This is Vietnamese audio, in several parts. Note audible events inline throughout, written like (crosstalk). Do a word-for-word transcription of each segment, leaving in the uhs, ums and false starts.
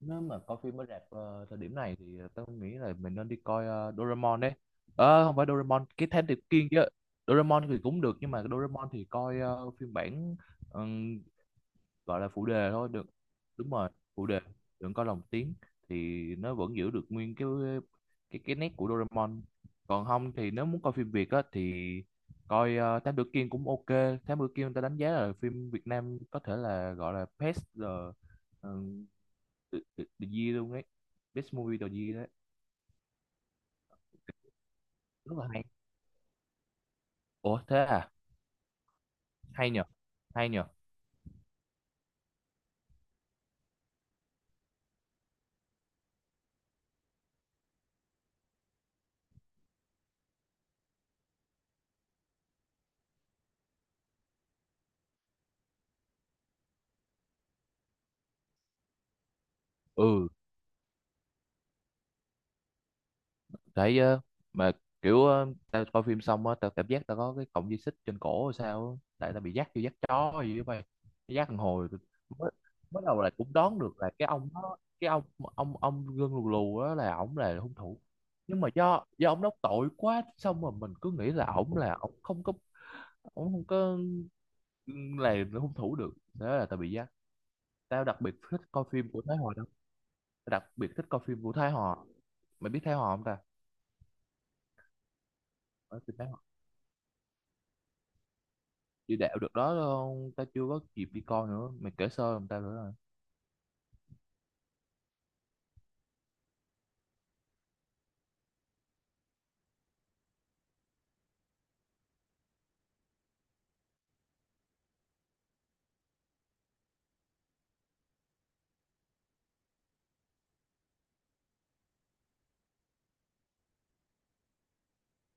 Nếu mà coi phim ở rạp ờ, thời điểm này thì tao nghĩ là mình nên đi coi ờ, Doraemon đấy. Ờ không phải Doraemon, cái Thám Tử Kiên chứ. Doraemon thì cũng được nhưng mà cái Doraemon thì coi ờ, phiên bản, ừm, gọi là phụ đề thôi được. Đúng rồi, phụ đề, đừng coi lồng tiếng thì nó vẫn giữ được nguyên cái cái cái nét của Doraemon. Còn không thì nếu muốn coi phim Việt á thì coi ờ, Thám Tử Kiên cũng ok. Thám Tử Kiên, ta đánh giá là phim Việt Nam có thể là gọi là best uh, the, the, the Year luôn ấy, Best Movie of the Year đấy. Rất là hay. Ủa, thế à? Hay nhờ, hay nhờ. Ừ. Thấy, ờ, mà kiểu ờ, tao coi phim xong á, tao cảm giác tao có cái cọng dây xích trên cổ hay sao á. Tại tao bị dắt vô, dắt chó hay gì đó mày. Cái dắt thằng hồi tụi- mới, Mới đầu là cũng đoán được là cái ông đó, cái ông ông ông gân lù lù đó là ổng, là hung thủ. Nhưng mà do do ông đó tội quá, xong rồi mình cứ nghĩ là ổng, là ổng không có, ổng không có là hung thủ được. Thế là tao bị dắt. Tao đặc biệt thích coi phim của Thái Hòa đâu, tao đặc biệt thích coi phim của Thái Hòa. Mày biết Thái Hòa không ta? Ở phim Thái Hòa, đi đạo được đó không? Tao chưa có kịp đi coi nữa, mày kể sơ làm tao nữa rồi.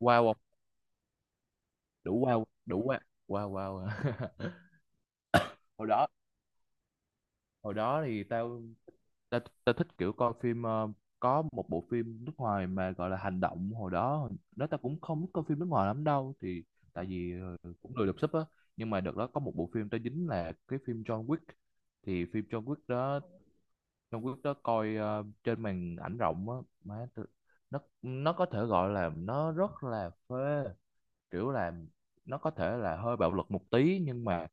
Wow không? Đủ wow, đủ wow. Wow wow à. (laughs) hồi đó Hồi đó thì tao, tao, tao thích kiểu coi phim ờ, có một bộ phim nước ngoài mà gọi là hành động. Hồi đó hồi đó tao cũng không biết coi phim nước ngoài lắm đâu thì tại vì ờ, cũng lười đọc sub á. Nhưng mà đợt đó có một bộ phim tao dính là cái phim John Wick. Thì phim John Wick đó, trong clip đó coi ờ, trên màn ảnh rộng á, má tôi- nó nó có thể gọi là nó rất là phê. Kiểu là nó có thể là hơi bạo lực một tí nhưng mà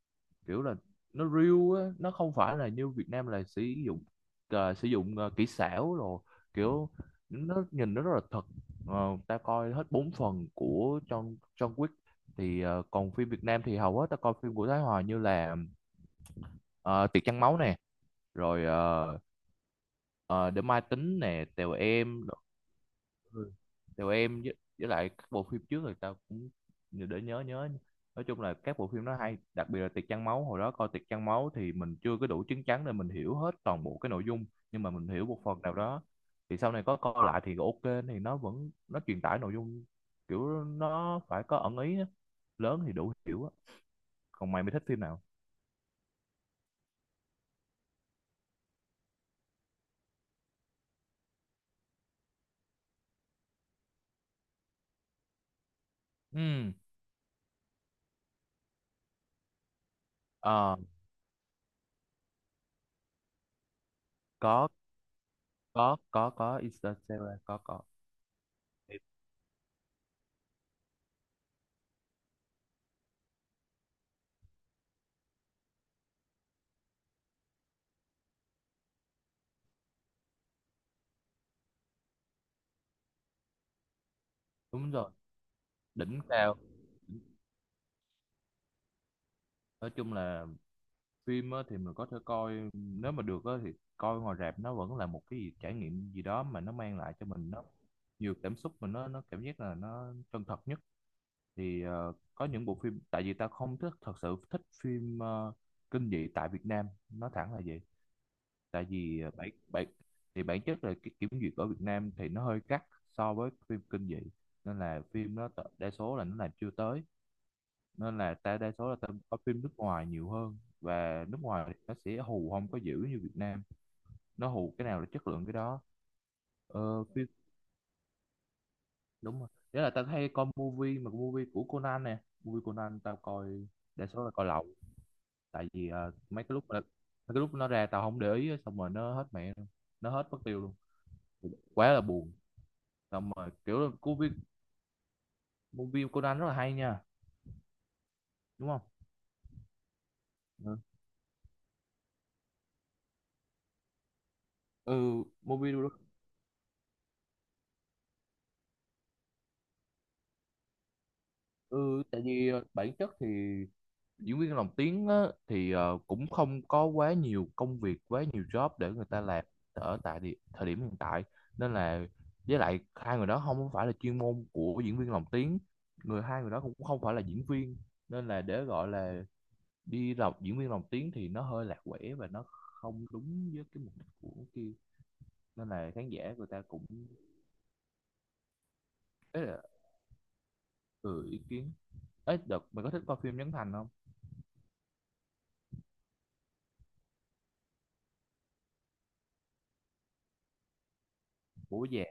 kiểu là nó real á, nó không phải là như Việt Nam là sử dụng, ờ, sử dụng ờ, kỹ xảo rồi, kiểu nó nhìn nó rất là thật. Ờ, ta coi hết bốn phần của trong trong Wick. Thì ờ, còn phim Việt Nam thì hầu hết ta coi phim của Thái Hòa như là ờ, Tiệc Trăng Máu nè, rồi ờ, ờ, để mai tính nè, tèo em rồi- tèo em với, với lại các bộ phim trước người ta cũng, để nhớ nhớ. Nói chung là các bộ phim nó hay, đặc biệt là Tiệc Trăng Máu. Hồi đó coi Tiệc Trăng Máu thì mình chưa có đủ chứng chắn để mình hiểu hết toàn bộ cái nội dung, nhưng mà mình hiểu một phần nào đó. Thì sau này có coi lại thì ok, thì nó vẫn, nó truyền tải nội dung, kiểu nó phải có ẩn ý á. Lớn thì đủ hiểu á. Còn mày mới thích phim nào? Ừ. Ờ, có có có có Interstellar, có có. Đúng rồi. Đỉnh cao. Nói chung là phim á, thì mình có thể coi nếu mà được á, thì coi ngoài rạp nó vẫn là một cái gì, trải nghiệm gì đó mà nó mang lại cho mình, nó nhiều cảm xúc mà nó nó cảm giác là nó chân thật nhất. Thì ờ, có những bộ phim, tại vì ta không thích, thật sự thích phim ờ, kinh dị tại Việt Nam, nói thẳng là vậy. Tại vì ờ, bản bản thì bản chất là cái kiểm duyệt ở Việt Nam thì nó hơi gắt so với phim kinh dị. Nên là phim nó t- đa số là nó làm chưa tới, nên là ta đa số là ta coi phim nước ngoài nhiều hơn, và nước ngoài thì nó sẽ hù không có dữ như Việt Nam, nó hù cái nào là chất lượng cái đó. Ờ, phim Đúng rồi. Đấy là ta hay coi movie, mà movie của Conan nè. Movie Conan tao coi đa số là coi lậu. Tại vì ờ, mấy cái lúc mà, mấy cái lúc nó ra tao không để ý á, xong rồi nó hết mẹ luôn, nó hết mất tiêu luôn, quá là buồn. Xong rồi kiểu là movie movie Conan rất là hay nha, đúng không? Ừ, ừ movie đó- ừ Tại vì ờ, bản chất thì diễn viên lồng tiếng á, thì ờ, cũng không có quá nhiều công việc, quá nhiều job để người ta làm ở tại địa, thời điểm hiện tại, nên là với lại hai người đó không có phải là chuyên môn của diễn viên lồng tiếng, người hai người đó cũng không phải là diễn viên, nên là để gọi là đi làm diễn viên lồng tiếng thì nó hơi lạc quẻ và nó không đúng với cái mục đích của kia, nên là khán giả người ta cũng. Ấy là, ừ, ý kiến. Ấy đợt mày có thích coi phim Trấn Thành không? Bố già.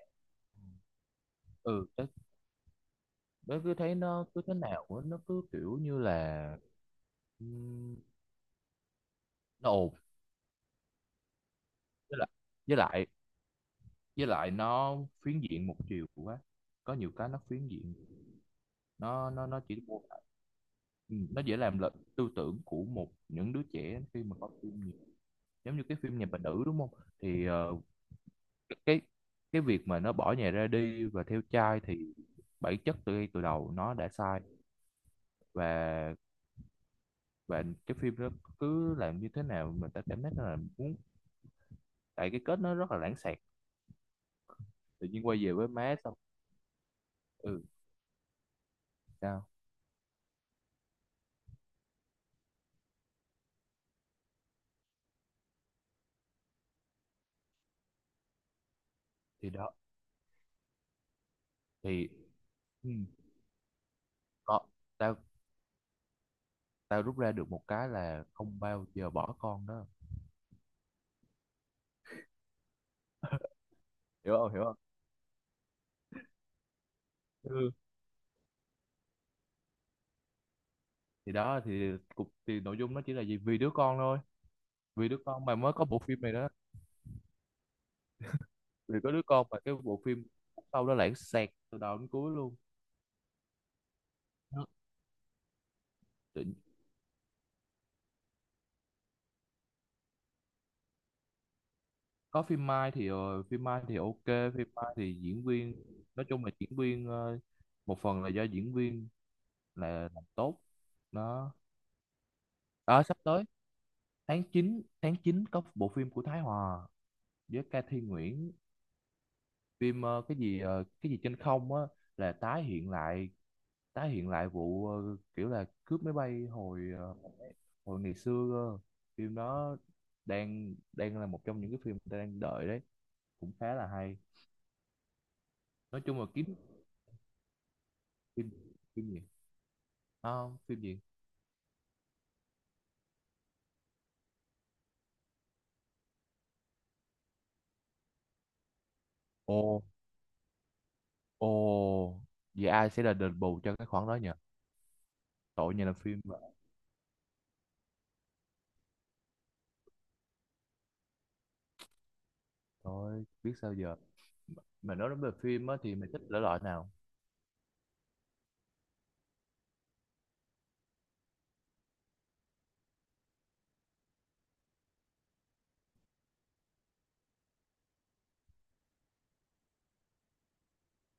Ừ. Bé cứ thấy nó cứ thế nào á, nó cứ kiểu như là, ừm, nó ồn. với lại với lại với lại nó phiến diện một chiều quá, có nhiều cái nó phiến diện, nó nó nó chỉ mô tả- Ừ, nó dễ làm lệch tư tưởng của một, những đứa trẻ khi mà có phim nhiều. Giống như cái phim Nhà Bà Nữ đúng không? Thì ờ, cái cái việc mà nó bỏ nhà ra đi và theo trai thì bản chất từ ngay từ đầu nó đã sai. và và cái phim đó cứ làm như thế nào mình, ta cảm thấy là muốn, tại cái kết nó rất là lãng xẹt, tự nhiên quay về với má xong. Ừ. Sao? Thì đó thì, ừ, có, tao tao rút ra được một cái là không bao giờ bỏ con đó. Hiểu không, hiểu không? Ừ. Thì đó thì cục thì nội dung nó chỉ là gì, vì đứa con thôi, vì đứa con mà mới có bộ phim này đó, vì có đứa con mà cái bộ phim sau đó lãng xẹt từ đầu đến cuối luôn. Nó- tự- có phim Mai thì ờ, phim Mai thì ok. Phim Mai thì diễn viên, nói chung là diễn viên ờ, một phần là do diễn viên là làm tốt, nó... Ờ sắp tới, tháng chín tháng chín có bộ phim của Thái Hòa với Ca Thi Nguyễn. Phim ờ, cái gì ờ, cái gì trên không á, là tái hiện lại tái hiện lại vụ ờ, kiểu là cướp máy bay hồi ờ, hồi ngày xưa cơ. Phim đó đang đang là một trong những cái phim người ta đang đợi đấy, cũng khá là hay. Nói chung là kiếm. Phim? Phim gì? À, phim gì? Ồ. Ồ. Vậy ai sẽ là đền bù cho cái khoản đó nhỉ? Tội nhà làm phim vậy. Thôi biết sao giờ. Mà nói đến về phim á thì mày thích thể loại nào?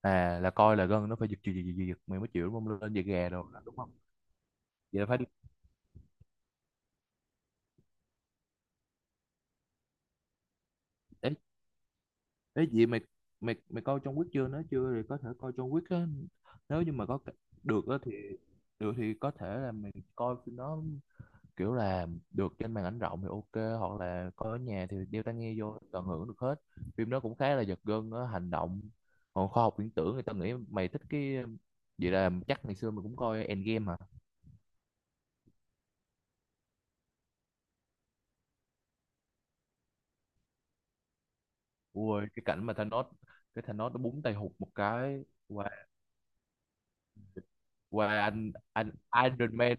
À, là coi là gân nó phải giật giật giật giật giật, mày mới chịu đúng không? Lên giật gà rồi đúng không? Vậy là phải đi. Ấy, ấy gì mày mày mày coi John Wick chưa? Nếu chưa thì có thể coi John Wick á, nếu như mà có c- được á thì, được thì có thể là mày coi phim đó, kiểu là được trên màn ảnh rộng thì ok, hoặc là coi ở nhà thì đeo tai nghe vô tận hưởng được hết. Phim đó cũng khá là giật gân á, hành động. Còn khoa học viễn tưởng người ta nghĩ mày thích cái. Vậy là chắc ngày xưa mày cũng coi Endgame hả? Ui, cái cảnh mà Thanos, cái Thanos nó búng tay hụt một cái, qua, qua anh anh Iron Man,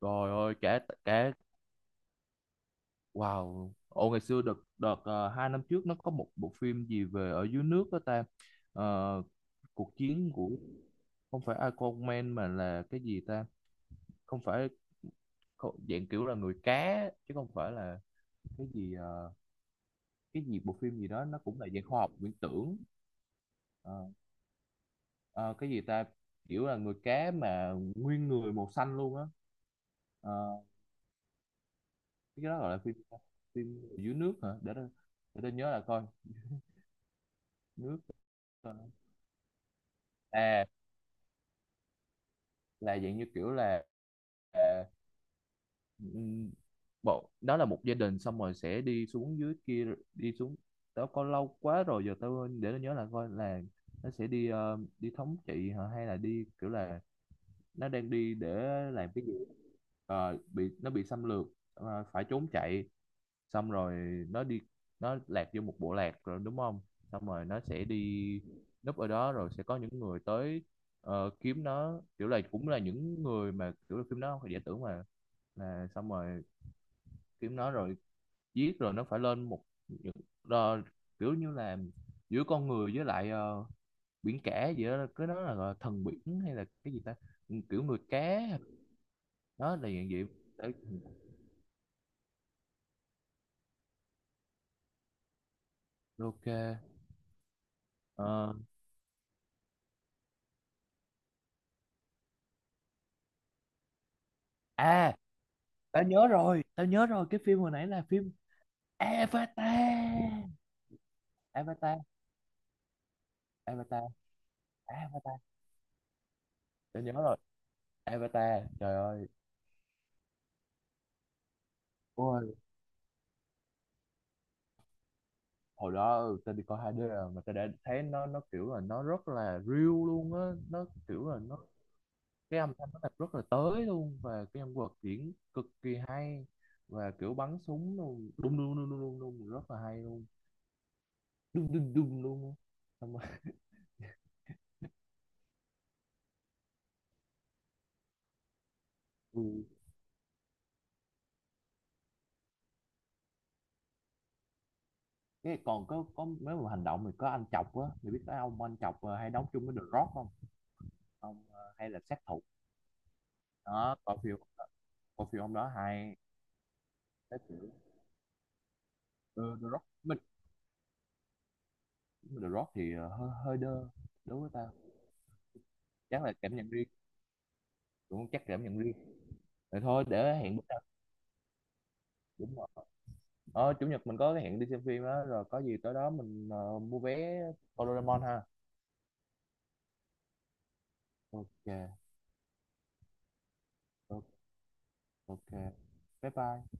rồi ơi cả, cả wow. Ồ, ngày xưa đợt đợt ờ, hai năm trước nó có một bộ phim gì về ở dưới nước đó ta. Ờ, cuộc chiến của, không phải Iron Man mà là cái gì ta? Không phải, không- dạng kiểu là người cá chứ không phải là cái gì, ờ, cái gì, bộ phim gì đó nó cũng là dạng khoa học viễn tưởng. Ờ, Ờ, cái gì ta? Kiểu là người cá mà nguyên người màu xanh luôn á. Ờ, cái đó gọi là phim, phim dưới nước hả, để tôi, để tôi nhớ là coi. nước ờ, À, là dạng như kiểu là, à, ừm, bộ đó là một gia đình xong rồi sẽ đi xuống dưới kia, đi xuống. Tao coi lâu quá rồi giờ tao, để tôi nhớ là coi, là nó sẽ đi ờ, đi thống trị hả, hay là đi kiểu là, nó đang đi để làm cái gì. Ờ, bị, nó bị xâm lược, ờ, phải trốn chạy, xong rồi nó đi, nó lạc vô một bộ lạc rồi đúng không, xong rồi nó sẽ đi núp ở đó, rồi sẽ có những người tới ờ, kiếm nó, kiểu là cũng là những người mà kiểu là phim nó không phải giả tưởng mà là, xong rồi kiếm nó rồi giết, rồi nó phải lên một những, đo- kiểu như là giữa con người với lại ờ, biển cả gì đó, cái đó là gọi là thần biển hay là cái gì ta. Ừ, kiểu người cá. Đó là dạng vậy. Đấy, ok. Ờ, à, tao nhớ rồi tao nhớ rồi, cái phim hồi nãy là phim Avatar. Avatar, Avatar, Avatar. Tao nhớ rồi. Avatar trời ơi. Ôi, hồi đó, ừ, tao đi coi hai đê rồi mà tao đã thấy nó nó kiểu là nó rất là real luôn á. Nó kiểu là nó Cái âm thanh nó thật, rất là tới luôn, và cái nhân vật diễn cực kỳ hay, và kiểu bắn súng luôn, đùng đùng đùng đùng đùng đùng, rất là hay luôn, đùng đùng đùng luôn, xong rồi, (laughs) ừ. Cái còn có có mấy, một hành động, mình có anh chọc á, mình biết cái ông anh chọc ờ, hay đóng chung với The Rock không? Ông, ờ, hay là sát thủ đó. Coi phim coi phim ông đó hay. cái kiểu ờ, The Rock mình, The Rock thì ờ, hơi hơi đơ đối với tao, chắc là cảm nhận riêng, cũng chắc cảm nhận riêng. Rồi thôi để hẹn bữa nào. Đúng rồi, ờ, chủ nhật mình có cái hẹn đi xem phim á, rồi có gì tới đó mình ờ, mua vé coi Doraemon ha. Ok. Ok. Ok. Bye bye.